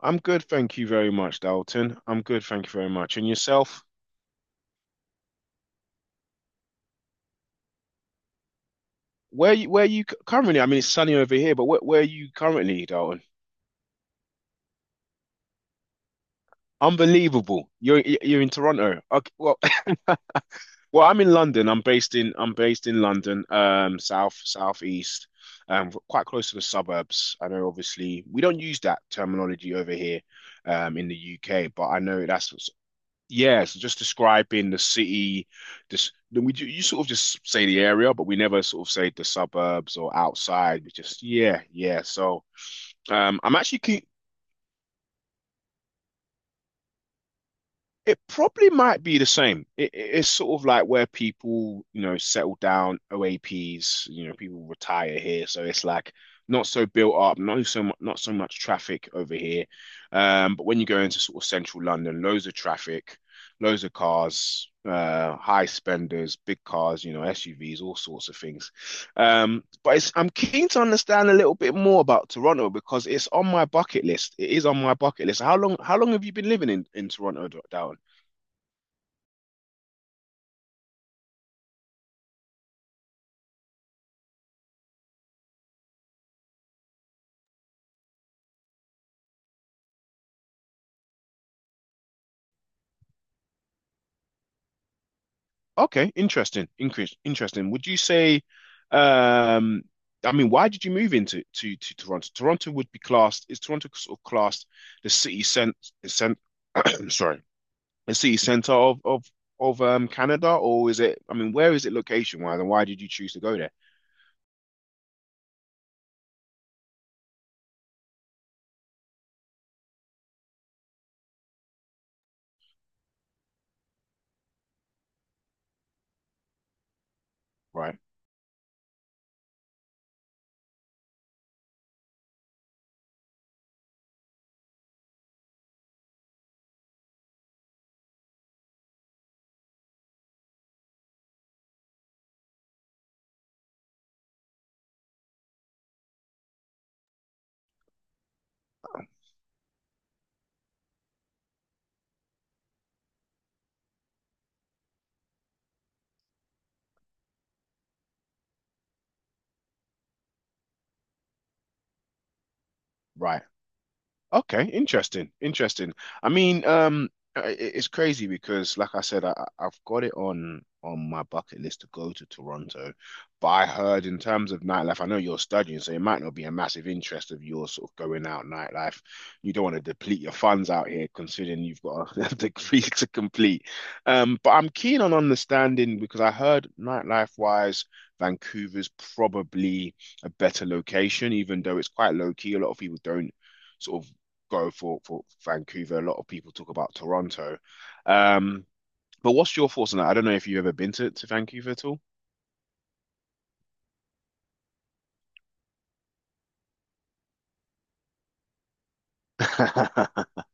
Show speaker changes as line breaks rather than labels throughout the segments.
I'm good, thank you very much, Dalton. I'm good, thank you very much. And yourself? Where you currently? I mean, it's sunny over here, but where are you currently, Dalton? Unbelievable. You're in Toronto. Okay, well, well, I'm in London. I'm based in London, south southeast, quite close to the suburbs. I know, obviously, we don't use that terminology over here, in the UK, but I know that's. Yeah, so just describing the city. This then we do, you sort of just say the area, but we never sort of say the suburbs or outside. We just yeah, yeah. So I'm actually keen. It probably might be the same. It's sort of like where people, you know, settle down, OAPs, you know, people retire here, so it's like not so built up, not so much, not so much traffic over here. But when you go into sort of central London, loads of traffic, loads of cars, high spenders, big cars, you know, SUVs, all sorts of things. But it's, I'm keen to understand a little bit more about Toronto because it's on my bucket list. It is on my bucket list. How long have you been living in Toronto, down? Okay, interesting. Increase, interesting. Would you say, um, I mean, why did you move into to Toronto? Toronto would be classed, is Toronto sort of classed the city cent, cent sorry, the city center of Canada, or is it? I mean, where is it location wise, and why did you choose to go there? Right, right. Okay, interesting, interesting. I mean, it's crazy because, like I said, I've got it on my bucket list to go to Toronto, but I heard in terms of nightlife, I know you're studying, so it might not be a massive interest of yours sort of going out nightlife. You don't want to deplete your funds out here, considering you've got a degree to complete. But I'm keen on understanding because I heard nightlife wise, Vancouver's probably a better location, even though it's quite low key. A lot of people don't sort of go for Vancouver. A lot of people talk about Toronto. Um, but what's your thoughts on that? I don't know if you've ever been to Vancouver at all.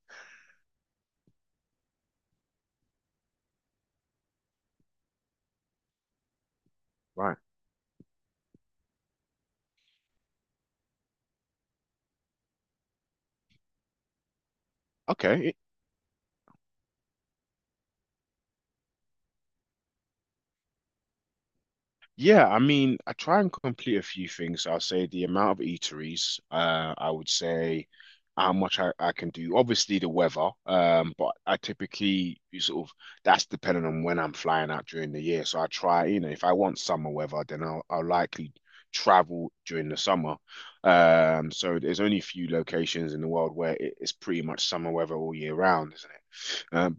Right. Okay. Yeah, I mean, I try and complete a few things. I'll say the amount of eateries, I would say how much I can do. Obviously the weather, but I typically you sort of that's dependent on when I'm flying out during the year. So I try, you know, if I want summer weather, then I'll likely travel during the summer. So there's only a few locations in the world where it's pretty much summer weather all year round, isn't it? Um,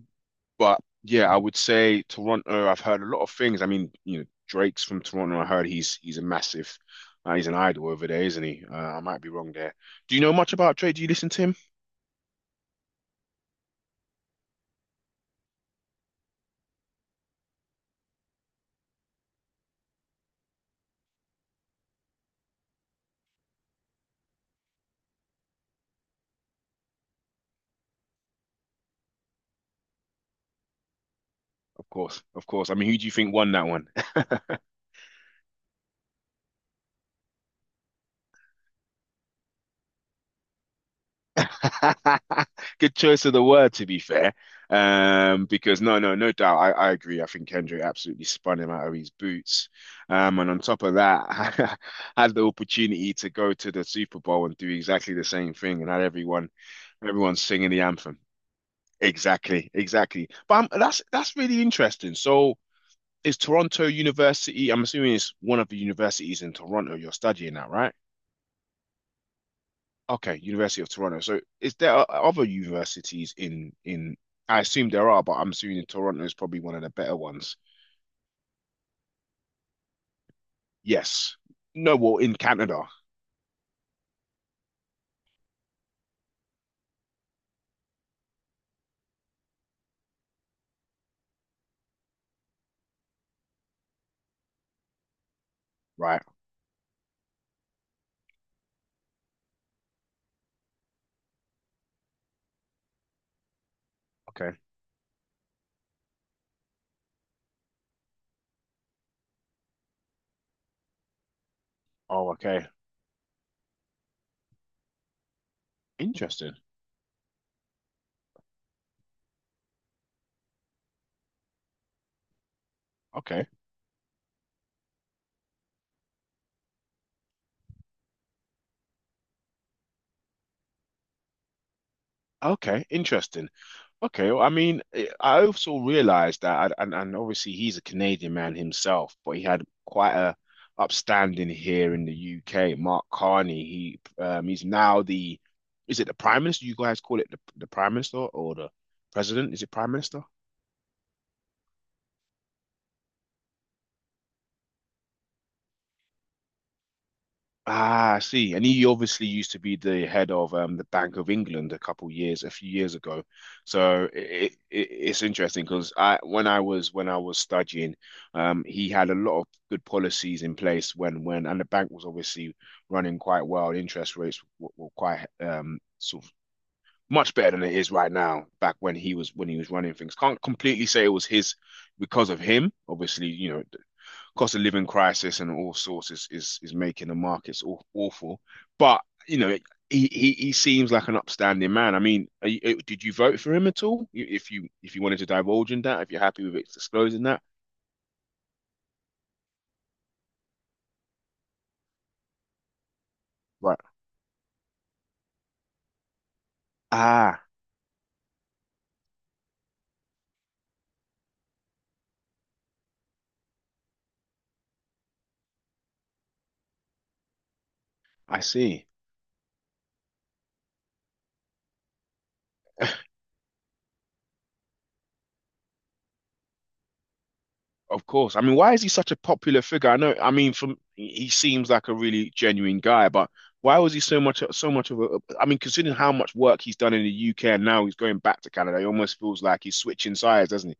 but yeah, I would say Toronto. I've heard a lot of things. I mean, you know, Drake's from Toronto. I heard he's a massive, he's an idol over there, isn't he? I might be wrong there. Do you know much about Drake? Do you listen to him? Of course, of course. I mean, who do you think won that one? Good choice of the word, to be fair. Because no, no, no doubt, I agree. I think Kendrick absolutely spun him out of his boots. And on top of that, I had the opportunity to go to the Super Bowl and do exactly the same thing, and had everyone, everyone singing the anthem. Exactly, exactly. But that's really interesting. So, is Toronto University? I'm assuming it's one of the universities in Toronto you're studying at, right? Okay, University of Toronto. So is there o- other universities in I assume there are, but I'm assuming Toronto is probably one of the better ones. Yes. No, well, in Canada, right? Okay. Oh, okay. Interesting. Okay. Okay. Interesting. Okay, well, I mean, I also realized that, and obviously he's a Canadian man himself, but he had quite a upstanding here in the UK. Mark Carney, he he's now the, is it the Prime Minister? You guys call it the Prime Minister or the President? Is it Prime Minister? Ah, I see. And he obviously used to be the head of the Bank of England a couple years, a few years ago. So it it's interesting because I when I was studying, he had a lot of good policies in place when and the bank was obviously running quite well. Interest rates were quite sort of much better than it is right now. Back when he was running things, can't completely say it was his because of him. Obviously, you know, cost of living crisis and all sorts is making the markets awful. But you know, he seems like an upstanding man. I mean, are you, did you vote for him at all? If you wanted to divulge in that, if you're happy with it disclosing that, right? Ah, I see. Of course. I mean, why is he such a popular figure? I know. I mean, from he seems like a really genuine guy, but why was he so much of a? I mean, considering how much work he's done in the UK and now he's going back to Canada, he almost feels like he's switching sides, doesn't he?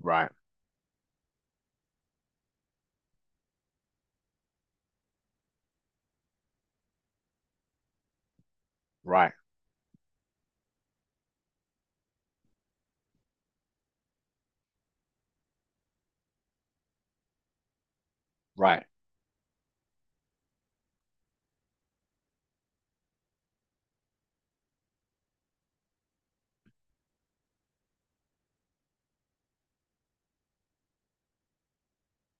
Right. Right. Right.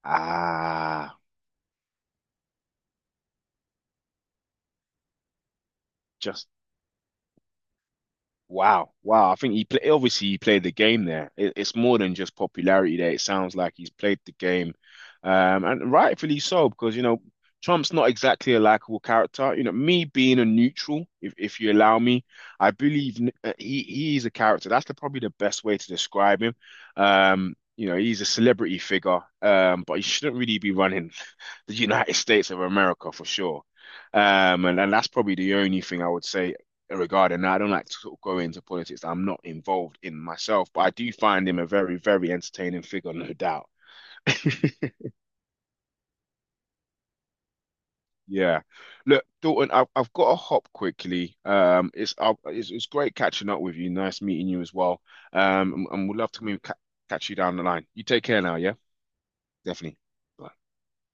Ah, just wow, wow. I think he play, obviously he played the game there. It, it's more than just popularity there. It sounds like he's played the game, and rightfully so because you know Trump's not exactly a likable character. You know, me being a neutral, if you allow me, I believe he is a character. That's the, probably the best way to describe him. You know, he's a celebrity figure, but he shouldn't really be running the United States of America for sure. And that's probably the only thing I would say regarding that. I don't like to sort of go into politics that I'm not involved in myself, but I do find him a very, very entertaining figure, no doubt. Yeah. Look, Dalton, I've got to hop quickly. It's, it's great catching up with you. Nice meeting you as well. And we'd love to maybe ca catch you down the line. You take care now, yeah? Definitely. Bye.